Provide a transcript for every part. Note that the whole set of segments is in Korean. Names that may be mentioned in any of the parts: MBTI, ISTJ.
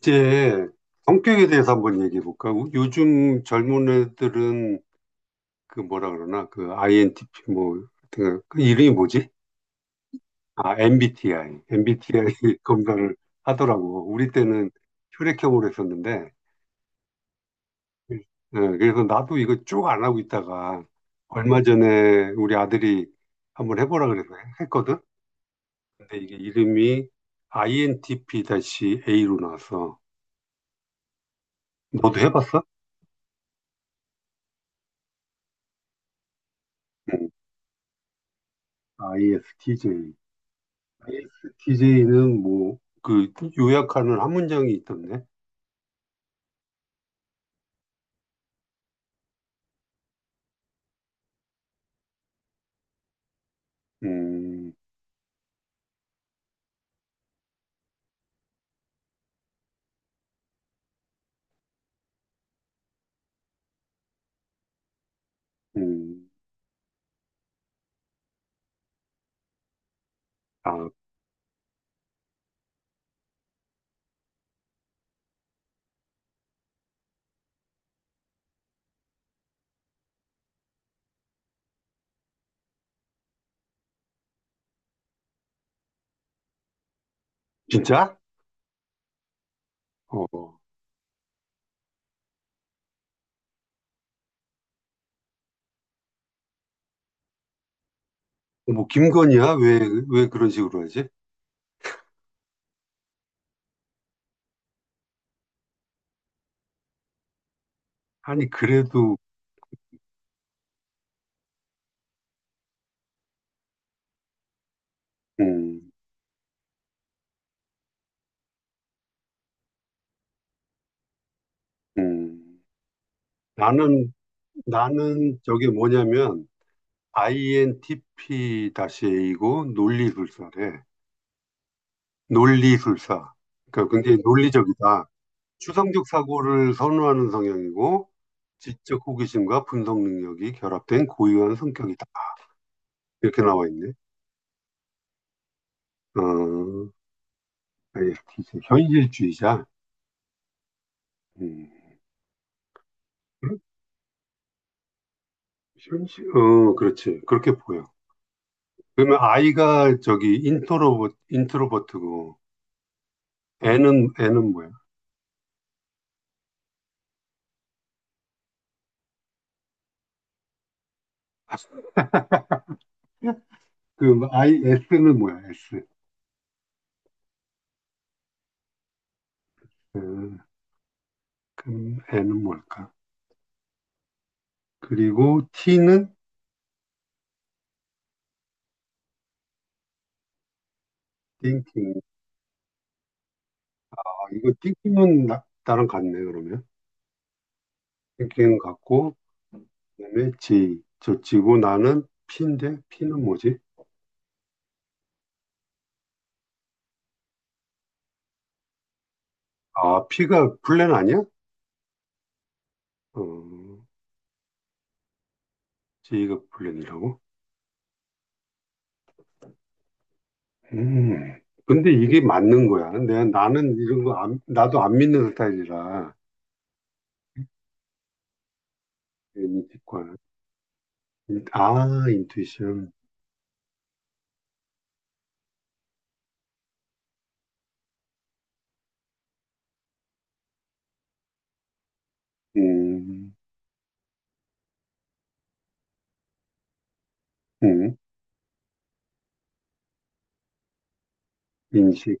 이제 성격에 대해서 한번 얘기해 볼까? 요즘 젊은 애들은 그 뭐라 그러나 그 INTP 뭐 하여튼 그 이름이 뭐지? 아 MBTI, MBTI 검사를 하더라고. 우리 때는 혈액형으로 했었는데, 예, 그래서 나도 이거 쭉 안 하고 있다가 얼마 전에 우리 아들이 한번 해보라 그래서 했거든. 근데 이게 이름이 INTP-A로 나왔어. 너도 해봤어? 응. ISTJ. ISTJ는 뭐, 그, 요약하는 한 문장이 있던데. 음, 음, 아, 진짜? 어, 뭐, 김건희야? 왜 그런 식으로 하지? 아니, 그래도, 음, 음, 나는, 나는 저게 뭐냐면, INTP-A이고, 논리술사래. 논리술사. 그러니까 굉장히 논리적이다. 추상적 사고를 선호하는 성향이고 지적 호기심과 분석 능력이 결합된 고유한 성격이다. 이렇게 나와 있네. 어, t 현실주의자. 음, 그렇- 그렇지. 그렇게 보여. 그러면 i 가 저기 인트로버트고 N은 뭐야? 그럼 I S는 뭐야? S. 어, 그럼 N은 뭘까? 그리고 T는 thinking. 아, 이거 thinking은 나랑 같네 그러면. 펭귄 같고 그다음에 J 저 지고 나는 P인데 P는 뭐지? 아 P가 플랜 아니야? 어 J가 플랜이라고? 음 근데 이게 맞는 거야. 내가 나는 이런 거 나도 안 믿는 스타일이라 인식과 아 인투이션 음, 음 인식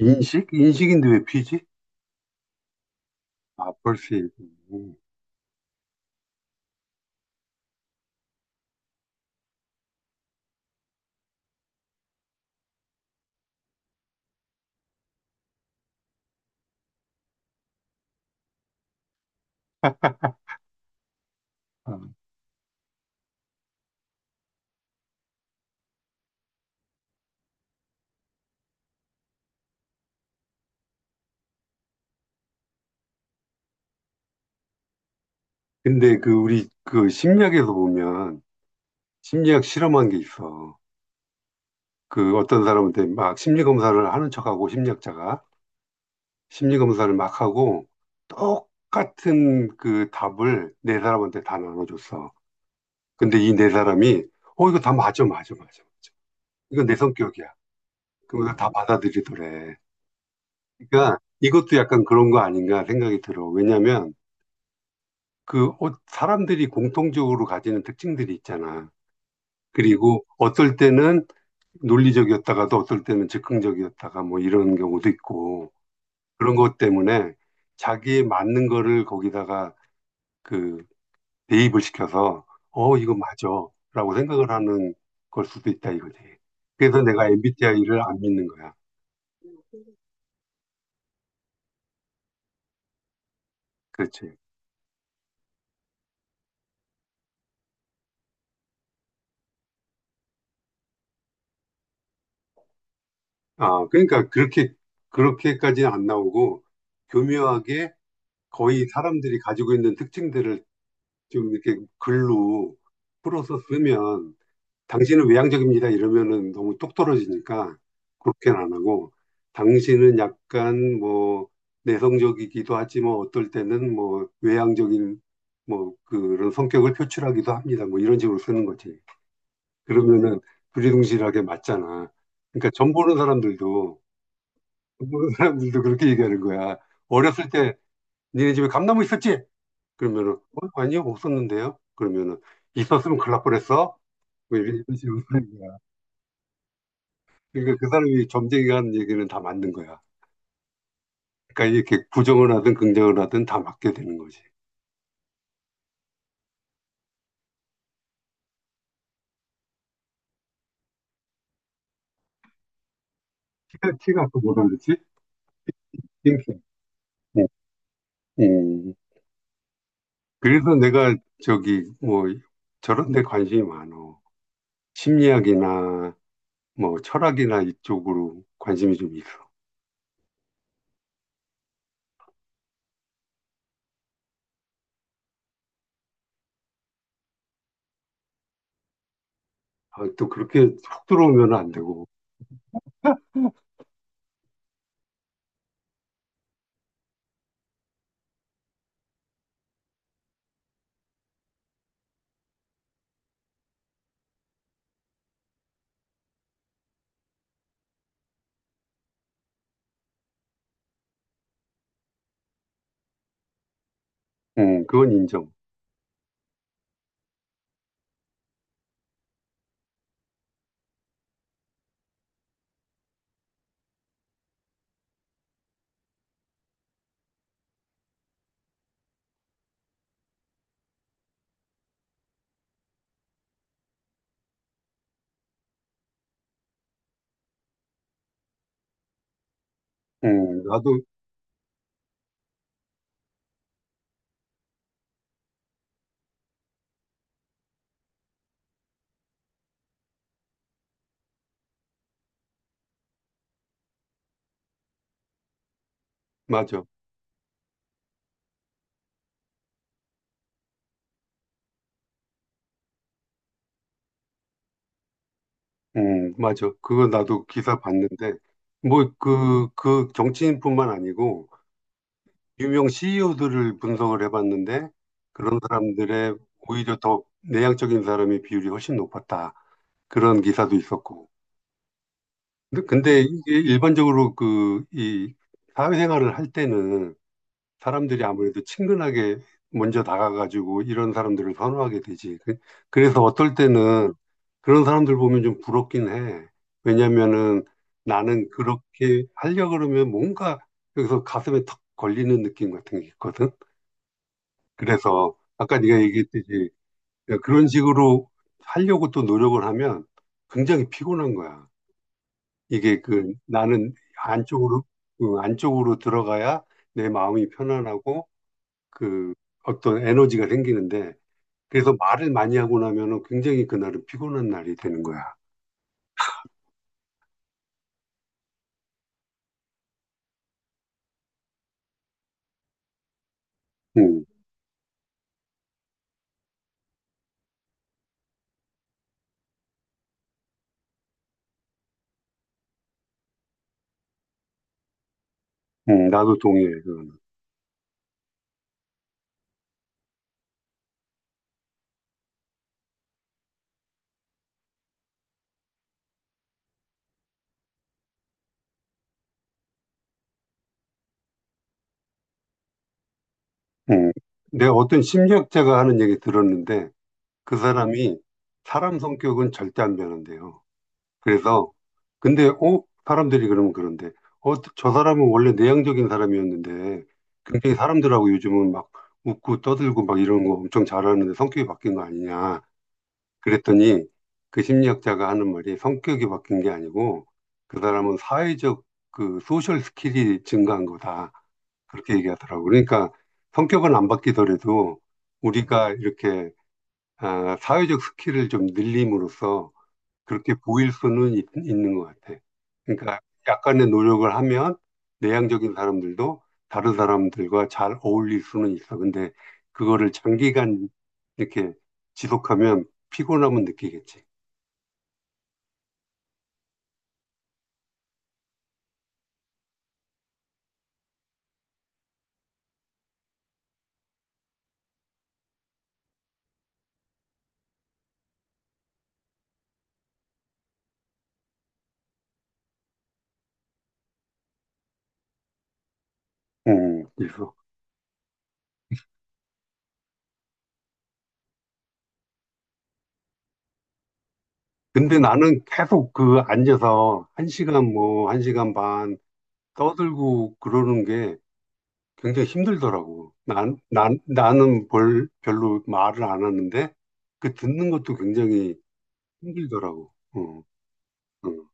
인식인데 왜 P지? 아 벌써 음. 아, 근데 그 우리 그 심리학에서 보면 심리학 실험한 게 있어. 그 어떤 사람한테 막 심리 검사를 하는 척하고 심리학자가 심리 검사를 막 하고 똑같은 그 답을 네 사람한테 다 나눠줬어. 근데 이 네 사람이 이거 다 맞아 맞아 맞아 맞아. 이거 내 성격이야. 그러면서 다 받아들이더래. 그러니까 이것도 약간 그런 거 아닌가 생각이 들어. 왜냐하면 그 사람들이 공통적으로 가지는 특징들이 있잖아. 그리고 어떨 때는 논리적이었다가도 어떨 때는 즉흥적이었다가 뭐 이런 경우도 있고. 그런 것 때문에 자기에 맞는 거를 거기다가 그 대입을 시켜서 이거 맞아. 라고 생각을 하는 걸 수도 있다 이거지. 그래서 내가 MBTI를 안 믿는 거야. 그렇지. 아, 그러니까 그렇게까지는 안 나오고 교묘하게 거의 사람들이 가지고 있는 특징들을 좀 이렇게 글로 풀어서 쓰면 당신은 외향적입니다. 이러면은 너무 똑 떨어지니까 그렇게는 안 하고 당신은 약간 뭐 내성적이기도 하지만 어떨 때는 뭐 외향적인 뭐 그런 성격을 표출하기도 합니다. 뭐 이런 식으로 쓰는 거지. 그러면은 두리둥실하게 맞잖아. 그러니까 점 보는 사람들도 그렇게 얘기하는 거야. 어렸을 때 니네 집에 감나무 있었지? 그러면은 아니요 없었는데요. 그러면은 있었으면 큰일 날 뻔했어. 뭐 이런 식으로 쓰는 거야. 그러니까 그 사람이 점쟁이가 하는 얘기는 다 맞는 거야. 그러니까 이렇게 부정을 하든 긍정을 하든 다 맞게 되는 거지. 티가 또 뭐라 그랬지? 띵킹. 음, 음. 그래서 내가 저기 뭐 저런 데 관심이 많어. 심리학이나 뭐 철학이나 이쪽으로 관심이 좀 있어. 아, 또 그렇게 훅 들어오면 안 되고. 그건 인정. 나도 맞아. 맞아. 그거 나도 기사 봤는데 뭐 그 정치인뿐만 아니고 유명 CEO들을 분석을 해봤는데 그런 사람들의 오히려 더 내향적인 사람의 비율이 훨씬 높았다. 그런 기사도 있었고. 근데 이게 일반적으로 그 이 사회생활을 할 때는 사람들이 아무래도 친근하게 먼저 다가가지고 이런 사람들을 선호하게 되지. 그래서 어떨 때는 그런 사람들 보면 좀 부럽긴 해. 왜냐면은 나는 그렇게 하려고 그러면 뭔가 여기서 가슴에 턱 걸리는 느낌 같은 게 있거든. 그래서 아까 네가 얘기했듯이 그런 식으로 하려고 또 노력을 하면 굉장히 피곤한 거야. 이게 그 나는 안쪽으로 그 안쪽으로 들어가야 내 마음이 편안하고 그 어떤 에너지가 생기는데 그래서 말을 많이 하고 나면은 굉장히 그날은 피곤한 날이 되는 거야. 음, 나도 동의해. 그거는. 음. 내가 어떤 심리학자가 하는 얘기 들었는데 그 사람이 사람 성격은 절대 안 변한대요. 그래서 근데 사람들이 그러면 그런데 어저 사람은 원래 내향적인 사람이었는데 굉장히 사람들하고 요즘은 막 웃고 떠들고 막 이런 거 엄청 잘하는데 성격이 바뀐 거 아니냐 그랬더니 그 심리학자가 하는 말이 성격이 바뀐 게 아니고 그 사람은 사회적 그 소셜 스킬이 증가한 거다 그렇게 얘기하더라고 그러니까 성격은 안 바뀌더라도 우리가 이렇게 아, 사회적 스킬을 좀 늘림으로써 그렇게 보일 수는 있, 는것 같아. 그러니까 약간의 노력을 하면 내향적인 사람들도 다른 사람들과 잘 어울릴 수는 있어. 근데 그거를 장기간 이렇게 지속하면 피곤함은 느끼겠지. 그래서. 근데 나는 계속 그 앉아서 1시간 뭐, 1시간 반 떠들고 그러는 게 굉장히 힘들더라고. 나는 별로 말을 안 하는데 그 듣는 것도 굉장히 힘들더라고. 어. 음.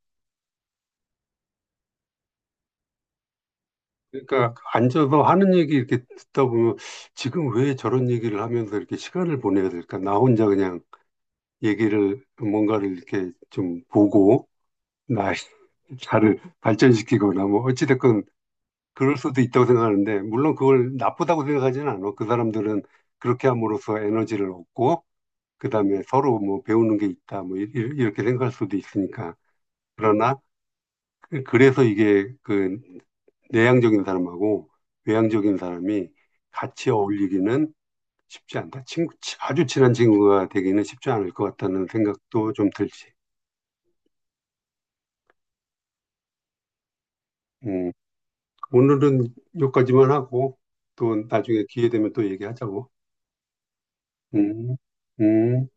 그러니까 앉아서 하는 얘기 이렇게 듣다 보면 지금 왜 저런 얘기를 하면서 이렇게 시간을 보내야 될까? 나 혼자 그냥 얘기를 뭔가를 이렇게 좀 보고 나, 나를 발전시키거나 뭐 어찌됐건 그럴 수도 있다고 생각하는데 물론 그걸 나쁘다고 생각하지는 않아. 그 사람들은 그렇게 함으로써 에너지를 얻고 그다음에 서로 뭐 배우는 게 있다 뭐 이렇게 생각할 수도 있으니까. 그러나 그래서 이게 그 내향적인 사람하고 외향적인 사람이 같이 어울리기는 쉽지 않다. 아주 친한 친구가 되기는 쉽지 않을 것 같다는 생각도 좀 들지. 음, 오늘은 여기까지만 하고 또 나중에 기회 되면 또 얘기하자고. 음, 음.